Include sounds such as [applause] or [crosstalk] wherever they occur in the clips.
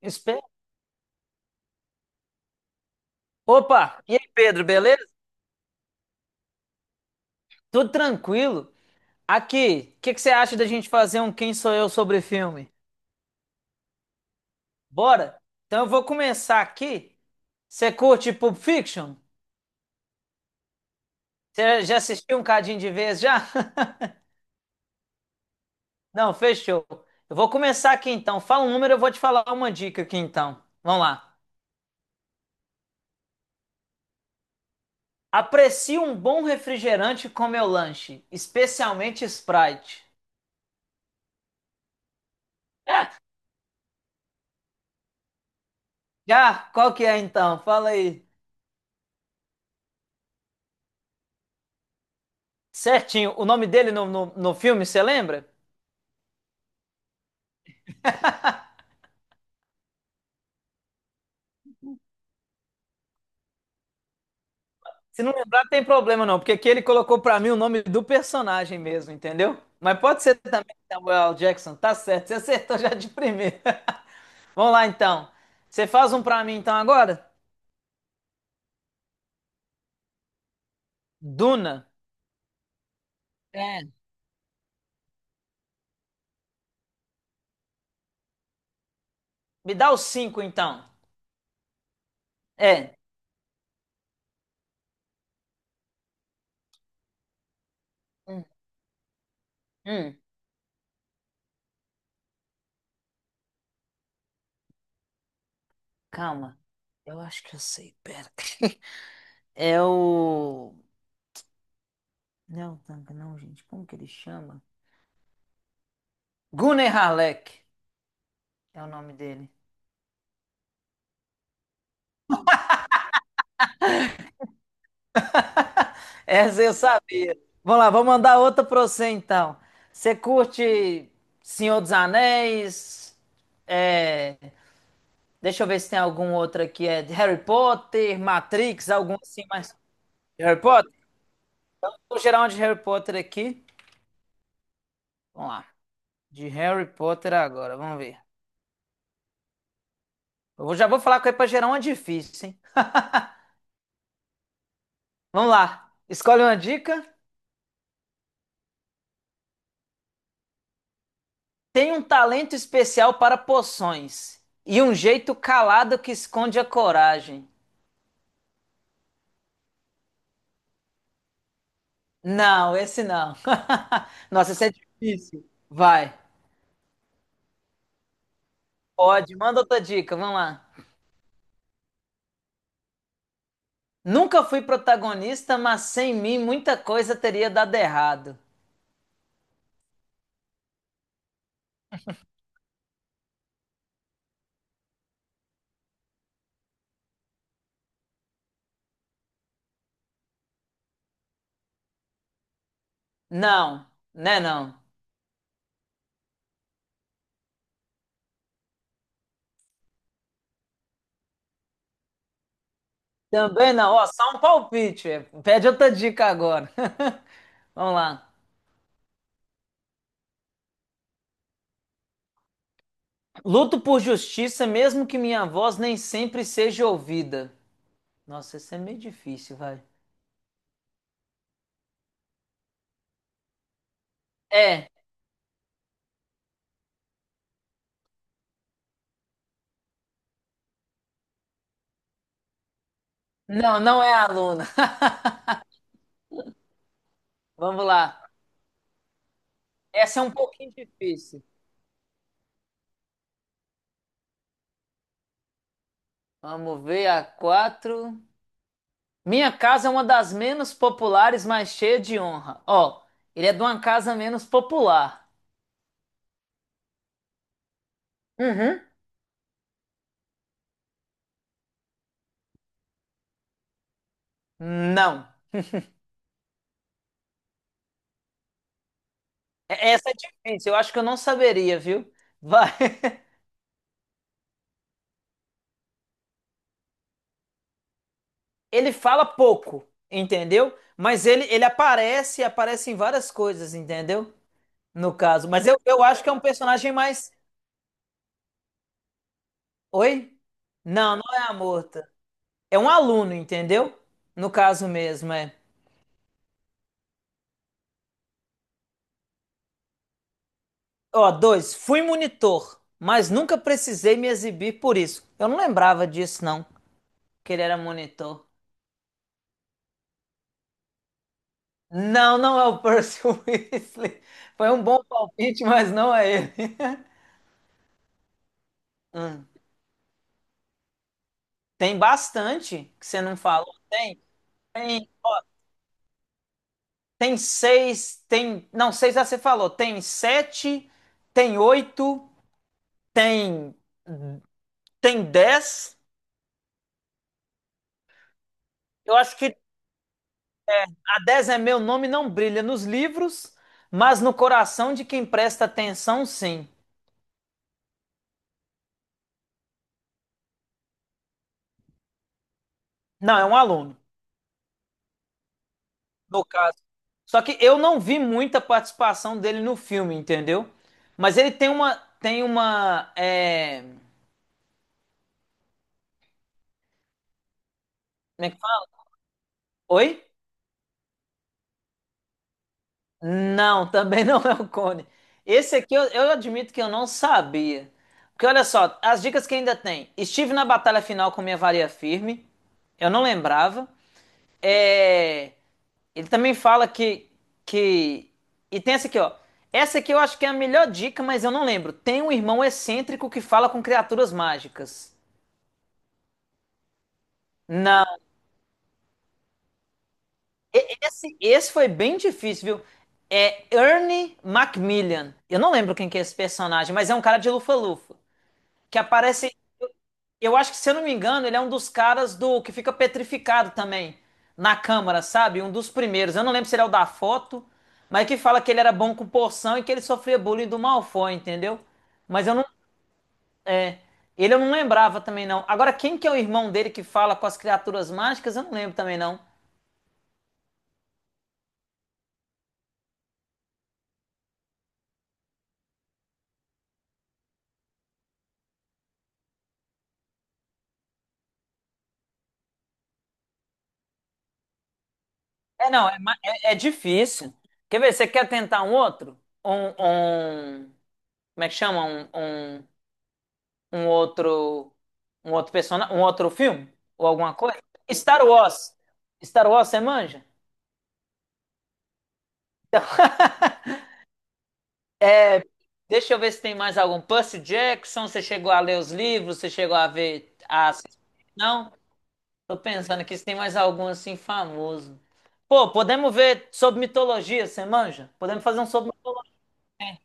Espe- Opa! E aí, Pedro, beleza? Tudo tranquilo? Aqui, o que que você acha da gente fazer um Quem Sou Eu sobre filme? Bora? Então eu vou começar aqui. Você curte Pulp Fiction? Você já assistiu um cadinho de vez já? [laughs] Não, fechou. Eu vou começar aqui então. Fala um número, eu vou te falar uma dica aqui então. Vamos lá. Aprecio um bom refrigerante com meu lanche, especialmente Sprite. Já? Qual que é então? Fala aí. Certinho. O nome dele no filme, você lembra? Se não lembrar, tem problema não, porque aqui ele colocou pra mim o nome do personagem mesmo, entendeu? Mas pode ser também Samuel L. Jackson, tá certo, você acertou já de primeira. [laughs] Vamos lá então. Você faz um pra mim então agora? Duna. É. Me dá os cinco então. É. Hum, hum, calma. Eu acho que eu sei, pera. [laughs] É o. Não, não, não, gente, como que ele chama? Gunnar Halleck é o nome dele. Essa eu sabia. Vamos lá, vou mandar outra pra você então. Você curte Senhor dos Anéis? É, deixa eu ver se tem algum outro aqui. É de Harry Potter, Matrix, algum assim mais. De Harry Potter? Vou gerar um de Harry Potter aqui. Vamos lá. De Harry Potter agora, vamos ver. Já vou falar com ele pra gerar uma difícil, hein? Vamos lá. Escolhe uma dica. Tem um talento especial para poções e um jeito calado que esconde a coragem. Não, esse não. [laughs] Nossa, esse é difícil. Vai. Pode, manda outra dica, vamos lá. Nunca fui protagonista, mas sem mim muita coisa teria dado errado. Não, né não. Também não, ó, só um palpite. É. Pede outra dica agora. [laughs] Vamos lá. Luto por justiça, mesmo que minha voz nem sempre seja ouvida. Nossa, isso é meio difícil, vai. É, não, não é aluna. [laughs] Vamos lá. Essa é um pouquinho difícil. Vamos ver a quatro. Minha casa é uma das menos populares, mas cheia de honra. Ó, ele é de uma casa menos popular. Uhum. Não. É, essa é difícil, eu acho que eu não saberia, viu? Vai. [laughs] Ele fala pouco, entendeu? Mas ele aparece, aparece em várias coisas, entendeu? No caso. Mas eu acho que é um personagem mais. Oi? Não, não é a morta. É um aluno, entendeu? No caso mesmo, é. Ó, dois, fui monitor, mas nunca precisei me exibir por isso. Eu não lembrava disso, não, que ele era monitor. Não, não é o Percy [laughs] Weasley. Foi um bom palpite, mas não é ele. [laughs] Hum, tem bastante que você não falou. Tem, tem seis, tem. Não, seis já você falou. Tem sete, tem oito, tem, tem dez. Eu acho que a 10 é meu nome, não brilha nos livros, mas no coração de quem presta atenção, sim. Não, é um aluno, no caso. Só que eu não vi muita participação dele no filme, entendeu? Mas ele tem uma, é, como é que fala? Oi? Não, [laughs] também não é o Cone. Esse aqui eu admito que eu não sabia. Porque olha só, as dicas que ainda tem. Estive na batalha final com minha varia firme. Eu não lembrava. É, ele também fala que, que. E tem essa aqui, ó. Essa aqui eu acho que é a melhor dica, mas eu não lembro. Tem um irmão excêntrico que fala com criaturas mágicas. Não. Esse foi bem difícil, viu? É Ernie Macmillan. Eu não lembro quem que é esse personagem, mas é um cara de lufa-lufa. Que aparece. Eu acho que, se eu não me engano, ele é um dos caras do que fica petrificado também na Câmara, sabe? Um dos primeiros. Eu não lembro se ele é o da foto, mas que fala que ele era bom com porção e que ele sofria bullying do Malfoy, entendeu? Mas eu não. É, ele eu não lembrava também, não. Agora, quem que é o irmão dele que fala com as criaturas mágicas? Eu não lembro também, não. É, não, é, é difícil. Quer ver? Você quer tentar um outro? Como é que chama? Um outro um outro personagem, um outro filme ou alguma coisa? Star Wars. Star Wars, você manja? É, deixa eu ver se tem mais algum. Percy Jackson, você chegou a ler os livros? Você chegou a ver as... Não? Tô pensando aqui se tem mais algum assim famoso. Pô, podemos ver sobre mitologia, você manja? Podemos fazer um sobre mitologia. Hein?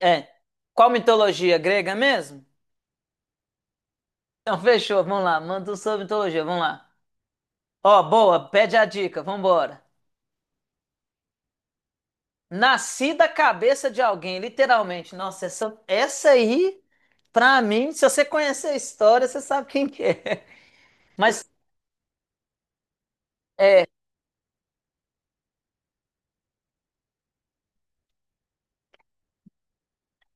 É. Qual mitologia? Grega mesmo? Então fechou, vamos lá. Manda um sobre mitologia, vamos lá. Ó, boa, pede a dica, vambora. Nasci da cabeça de alguém, literalmente. Nossa, essa aí, pra mim, se você conhecer a história, você sabe quem que é. [laughs] Mas, é,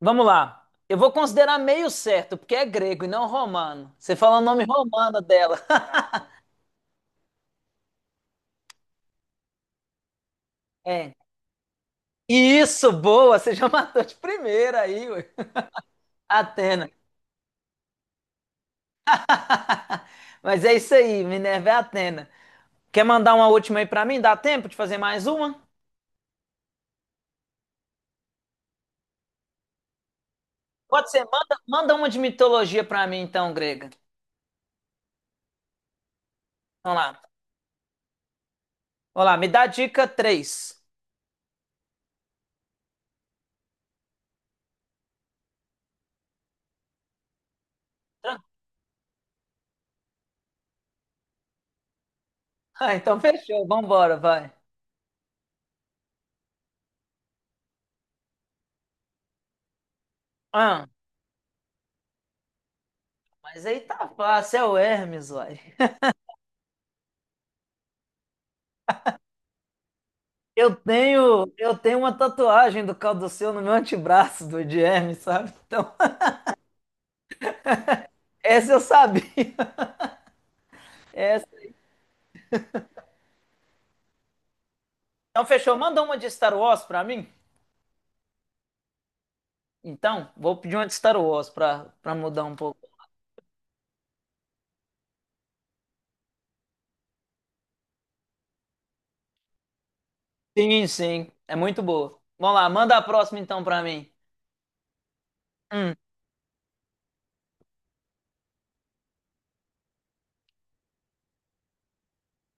vamos lá. Eu vou considerar meio certo, porque é grego e não romano. Você fala o nome romano dela. [laughs] É. Isso, boa, você já [laughs] matou de primeira aí, ué. Atena. [laughs] Mas é isso aí, Minerva é Atena. Quer mandar uma última aí pra mim? Dá tempo de fazer mais uma? Pode ser, manda, manda uma de mitologia pra mim então, grega. Vamos lá. Vamos lá, me dá a dica três. [laughs] Ah, então fechou, vambora, vai. Ah, mas aí tá fácil, é o Hermes, uai. [laughs] Eu tenho uma tatuagem do Calduceu no meu antebraço do de Hermes, sabe? Então, [laughs] essa eu sabia. [laughs] Essa- Então fechou, manda uma de Star Wars pra mim. Então, vou pedir uma de Star Wars pra mudar um pouco. Sim, sim, é muito boa. Vamos lá, manda a próxima então pra mim. Hum,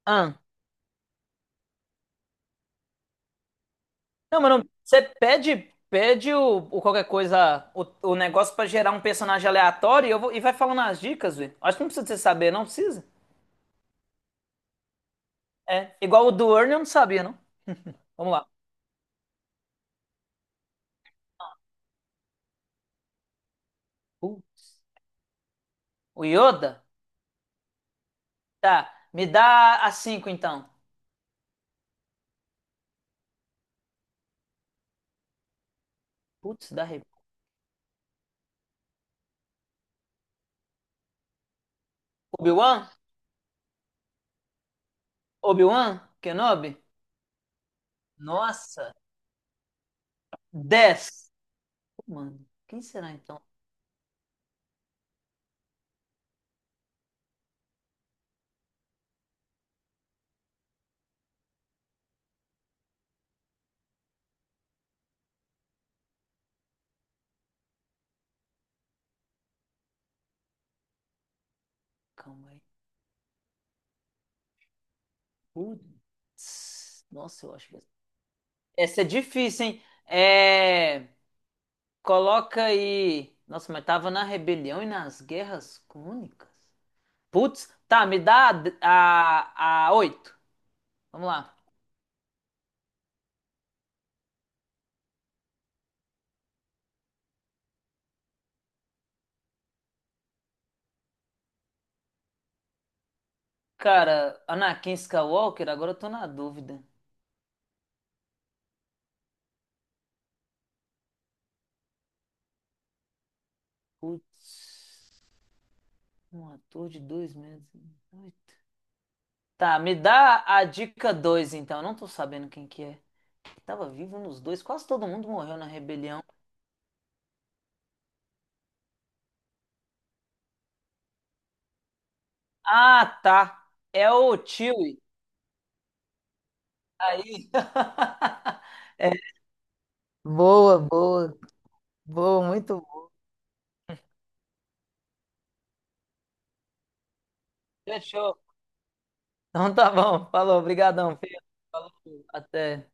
hum. Não, mano, você pede, pede o qualquer coisa, o negócio pra gerar um personagem aleatório eu vou, e vai falando as dicas, velho. Acho que não precisa de você saber, não precisa. É, igual o do Ernie eu não sabia, não. Vamos lá. Putz, o Yoda? Tá, me dá a cinco, então. Putz, dá re... Obi-Wan? Obi-Wan? Kenobi? Nossa, 10. Mano, quem será então? Calma aí. Putz, nossa, eu acho que... é, essa é difícil, hein? É... Coloca aí. Nossa, mas tava na rebelião e nas guerras crônicas. Putz, tá, me dá a 8. Vamos lá. Cara, Anakin Skywalker, agora eu tô na dúvida. Putz, um ator de dois meses. Oito. Tá, me dá a dica 2, então. Eu não tô sabendo quem que é. Tava vivo nos dois, quase todo mundo morreu na rebelião. Ah, tá. É o Chewie. Aí. [laughs] É. Boa, boa, boa, muito. Fechou. Então tá bom. Falou. Obrigadão, filho. Falou. Até.